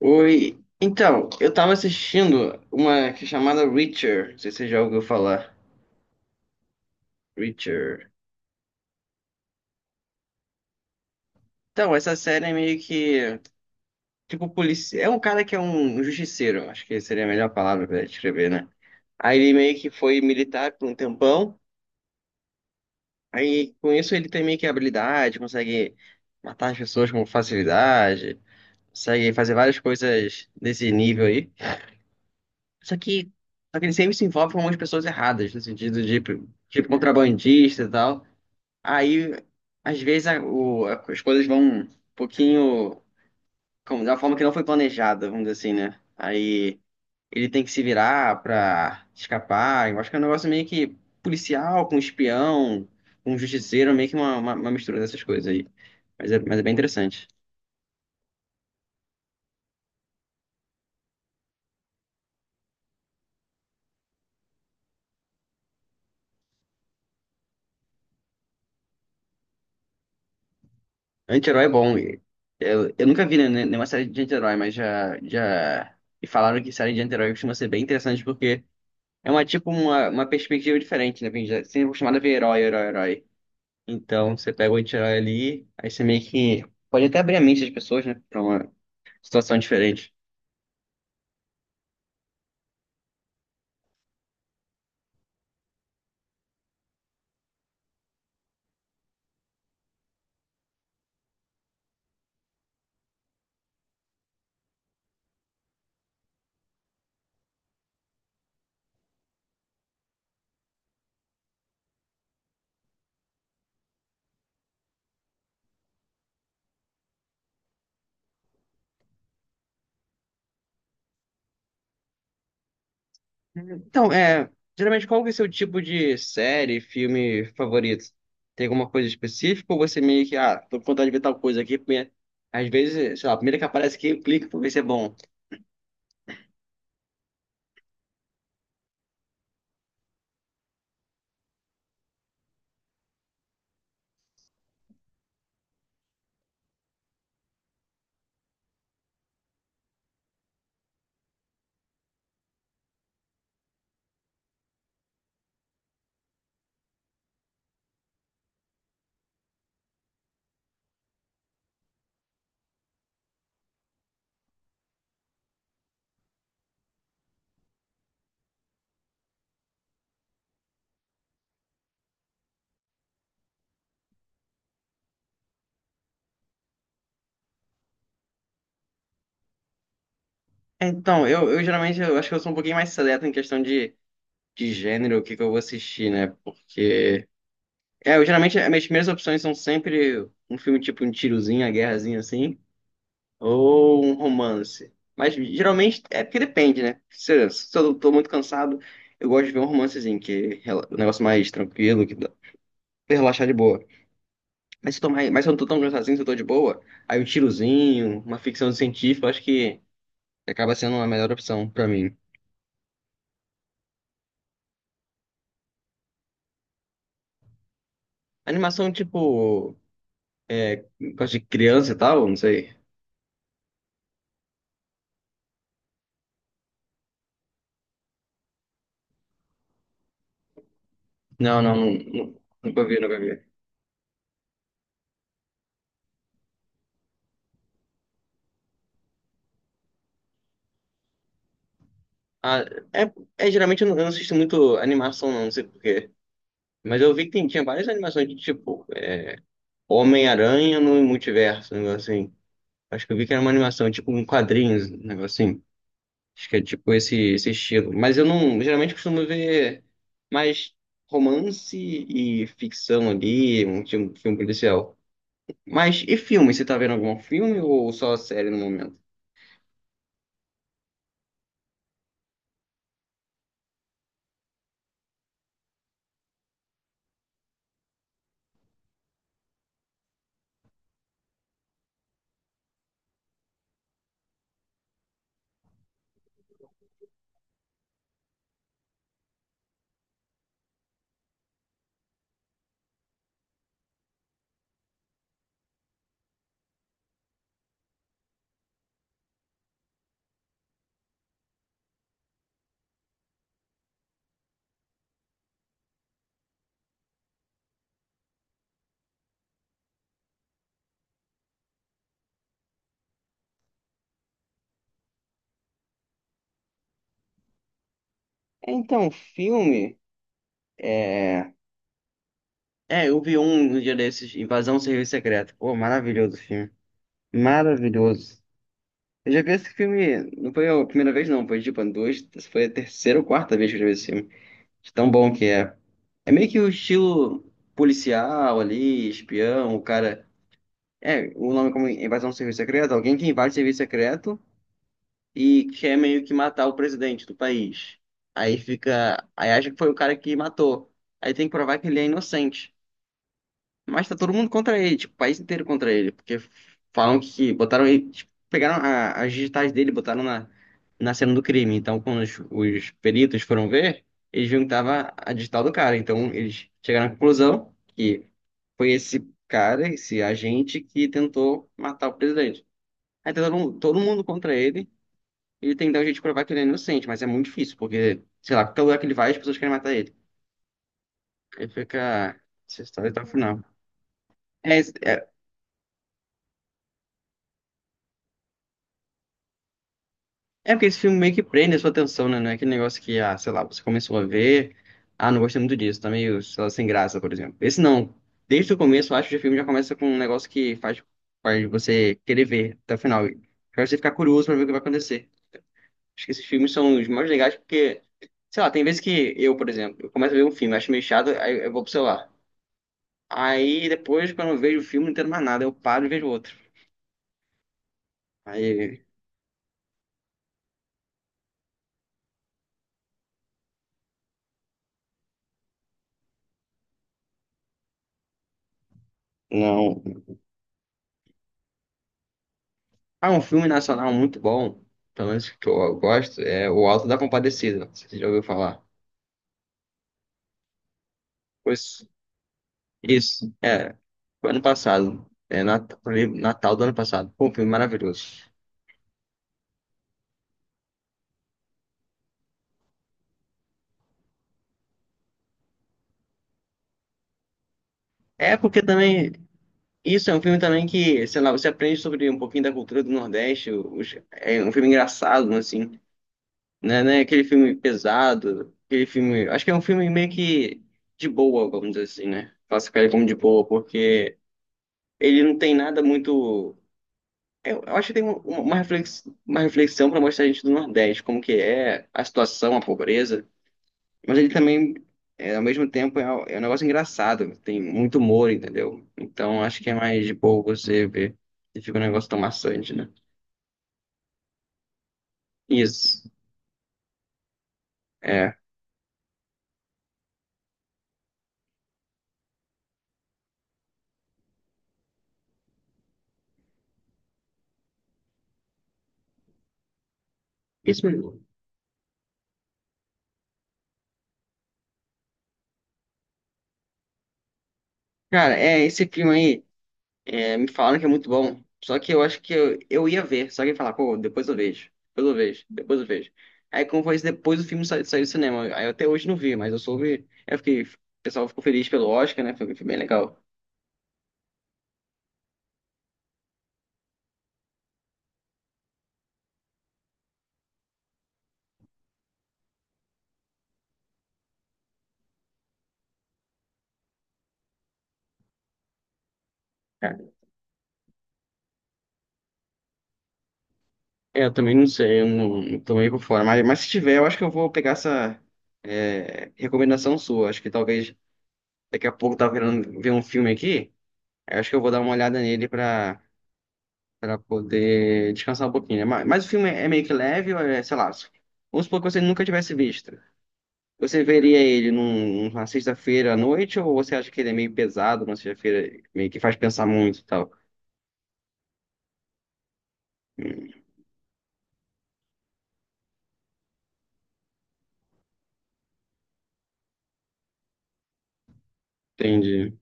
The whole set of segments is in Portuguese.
Oi. Então, eu tava assistindo uma que é chamada Reacher. Não sei se você já ouviu falar. Reacher. Então, essa série é meio que. Tipo, polícia. É um cara que é um justiceiro. Acho que seria a melhor palavra pra descrever, né? Aí ele meio que foi militar por um tempão. Aí com isso ele tem meio que habilidade, consegue matar as pessoas com facilidade, consegue fazer várias coisas desse nível aí. Só que, só que ele sempre se envolve com umas pessoas erradas, no sentido de tipo, contrabandista e tal. Aí, às vezes, as coisas vão um pouquinho como, da forma que não foi planejada, vamos dizer assim, né? Aí ele tem que se virar pra escapar. Eu acho que é um negócio meio que policial, com espião, com justiceiro, meio que uma mistura dessas coisas aí. Mas é bem interessante. Anti-herói é bom. Eu nunca vi nenhuma série de anti-herói, mas já me falaram que série de anti-herói costuma ser bem interessante porque é uma tipo uma perspectiva diferente, né? Porque sempre é acostumado a ver herói, herói, herói. Então, você pega o anti ali, aí você meio que pode até abrir a mente das pessoas, né, pra uma situação diferente. Então, é, geralmente qual que é o seu tipo de série, filme favorito? Tem alguma coisa específica ou você meio que, ah, tô com vontade de ver tal coisa aqui, porque às vezes, sei lá, a primeira que aparece aqui, eu clico pra ver se é bom. Eu, eu acho que eu sou um pouquinho mais seleto em questão de gênero, o que que eu vou assistir, né, porque... É, eu geralmente, as minhas primeiras opções são sempre um filme tipo um tirozinho, uma guerrazinha assim, ou um romance. Mas geralmente é porque depende, né? Se eu tô muito cansado, eu gosto de ver um romancezinho, que é um negócio mais tranquilo, que dá pra relaxar de boa. Mas se eu não tô tão cansadinho, se eu tô de boa, aí um tirozinho, uma ficção científica, eu acho que acaba sendo a melhor opção pra mim. Animação tipo, é, gosto de criança e tal, não sei. Nunca vi, nunca vi. Ah, é, é geralmente eu não assisto muito animação, não, não sei por quê. Mas eu vi que tinha várias animações de tipo. Homem-Aranha no Multiverso, um negócio assim. Acho que eu vi que era uma animação, tipo um quadrinho, um negócio assim. Acho que é tipo esse estilo. Mas eu não, geralmente costumo ver mais romance e ficção ali, um tipo de filme policial. Mas e filme? Você tá vendo algum filme ou só série no momento? É, Então, filme, é... eu vi um no dia desses, Invasão Serviço Secreto. Pô, maravilhoso o filme. Maravilhoso. Eu já vi esse filme, não foi a primeira vez não, foi tipo duas, foi a terceira ou quarta vez que eu já vi esse filme. De tão bom que é. É meio que o estilo policial ali, espião, o cara. É, o nome como invasão do serviço secreto, alguém que invade o serviço secreto e quer meio que matar o presidente do país. Aí fica. Aí acha que foi o cara que matou. Aí tem que provar que ele é inocente. Mas tá todo mundo contra ele, tipo, o país inteiro contra ele, porque falam que botaram ele, tipo, pegaram as digitais dele, e botaram na cena do crime. Então, quando os peritos foram ver, eles viram que tava a digital do cara. Então, eles chegaram à conclusão que foi esse cara, esse agente, que tentou matar o presidente. Aí tá todo mundo contra ele, ele tem que dar um jeito de provar que ele é inocente, mas é muito difícil, porque, sei lá, qualquer lugar que ele vai, as pessoas querem matar ele. Aí fica essa história até o final. É, é, É porque esse filme meio que prende a sua atenção, né? Não é aquele negócio que, ah, sei lá, você começou a ver, ah, não gostei muito disso, tá meio, sei lá, sem graça, por exemplo. Esse não. Desde o começo, eu acho que o filme já começa com um negócio que faz você querer ver até o final. E faz você ficar curioso pra ver o que vai acontecer. Acho que esses filmes são os mais legais porque, sei lá, tem vezes que eu, por exemplo, eu começo a ver um filme, acho meio chato, aí eu vou pro celular. Aí depois, quando eu vejo o filme, não entendo mais nada, eu paro e vejo outro. Aí, não. Ah, um filme nacional muito bom, pelo menos que eu gosto, é O Alto da Compadecida. Não sei se você já ouviu falar? Pois, isso, é, foi ano passado, é foi Natal do ano passado. Pô, um filme maravilhoso. É porque também, isso é um filme também que, sei lá, você aprende sobre um pouquinho da cultura do Nordeste, é um filme engraçado, assim, né, aquele filme pesado, aquele filme, acho que é um filme meio que de boa, vamos dizer assim, né? Classificar ele como de boa, porque ele não tem nada muito. Eu acho que tem uma uma reflexão para mostrar a gente do Nordeste, como que é a situação, a pobreza, mas ele também, é, ao mesmo tempo, é um negócio engraçado, tem muito humor, entendeu? Então acho que é mais de boa você ver se fica um negócio tão maçante, né? Isso, é. Isso mesmo. Cara, é esse filme aí. É, me falaram que é muito bom. Só que eu acho que eu ia ver. Só que eu ia falar, pô, depois eu vejo. Depois eu vejo. Depois eu vejo. Aí, como foi isso, depois o filme saiu, saiu do cinema. Aí eu até hoje não vi, mas eu soube. Eu fiquei, o pessoal ficou feliz pelo Oscar, né? Foi, foi bem legal. É, eu também não sei, eu não, não tô meio por fora. Mas se tiver, eu acho que eu vou pegar essa recomendação sua. Acho que talvez daqui a pouco eu tava querendo ver um filme aqui. Eu acho que eu vou dar uma olhada nele pra. Pra poder descansar um pouquinho, né? Mas o filme é meio que leve, ou é, sei lá. Vamos supor que você nunca tivesse visto. Você veria ele numa sexta-feira à noite, ou você acha que ele é meio pesado, numa sexta-feira, meio que faz pensar muito e tal? Hum, Entendi.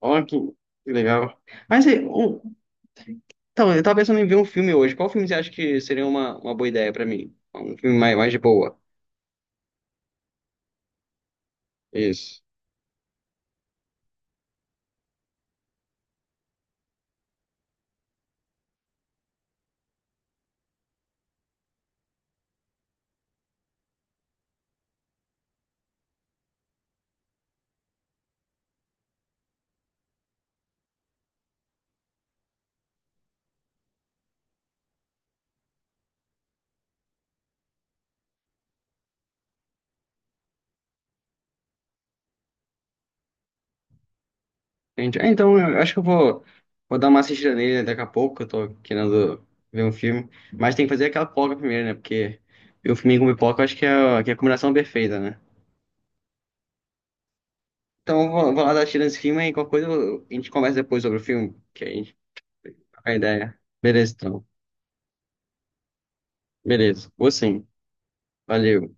Ó, que legal. Mas então, eu tava pensando em ver um filme hoje. Qual filme você acha que seria uma boa ideia pra mim? Um filme mais, mais de boa. Isso. Entendi. É, então, eu acho que vou dar uma assistida nele né, daqui a pouco, eu tô querendo ver um filme. Mas tem que fazer aquela pipoca primeiro, né? Porque ver um filme com pipoca eu acho que que é a combinação perfeita, né? Então, vou lá dar assistida nesse filme e qualquer coisa a gente conversa depois sobre o filme, que a gente troca a ideia. Beleza, então. Beleza. Vou sim. Valeu.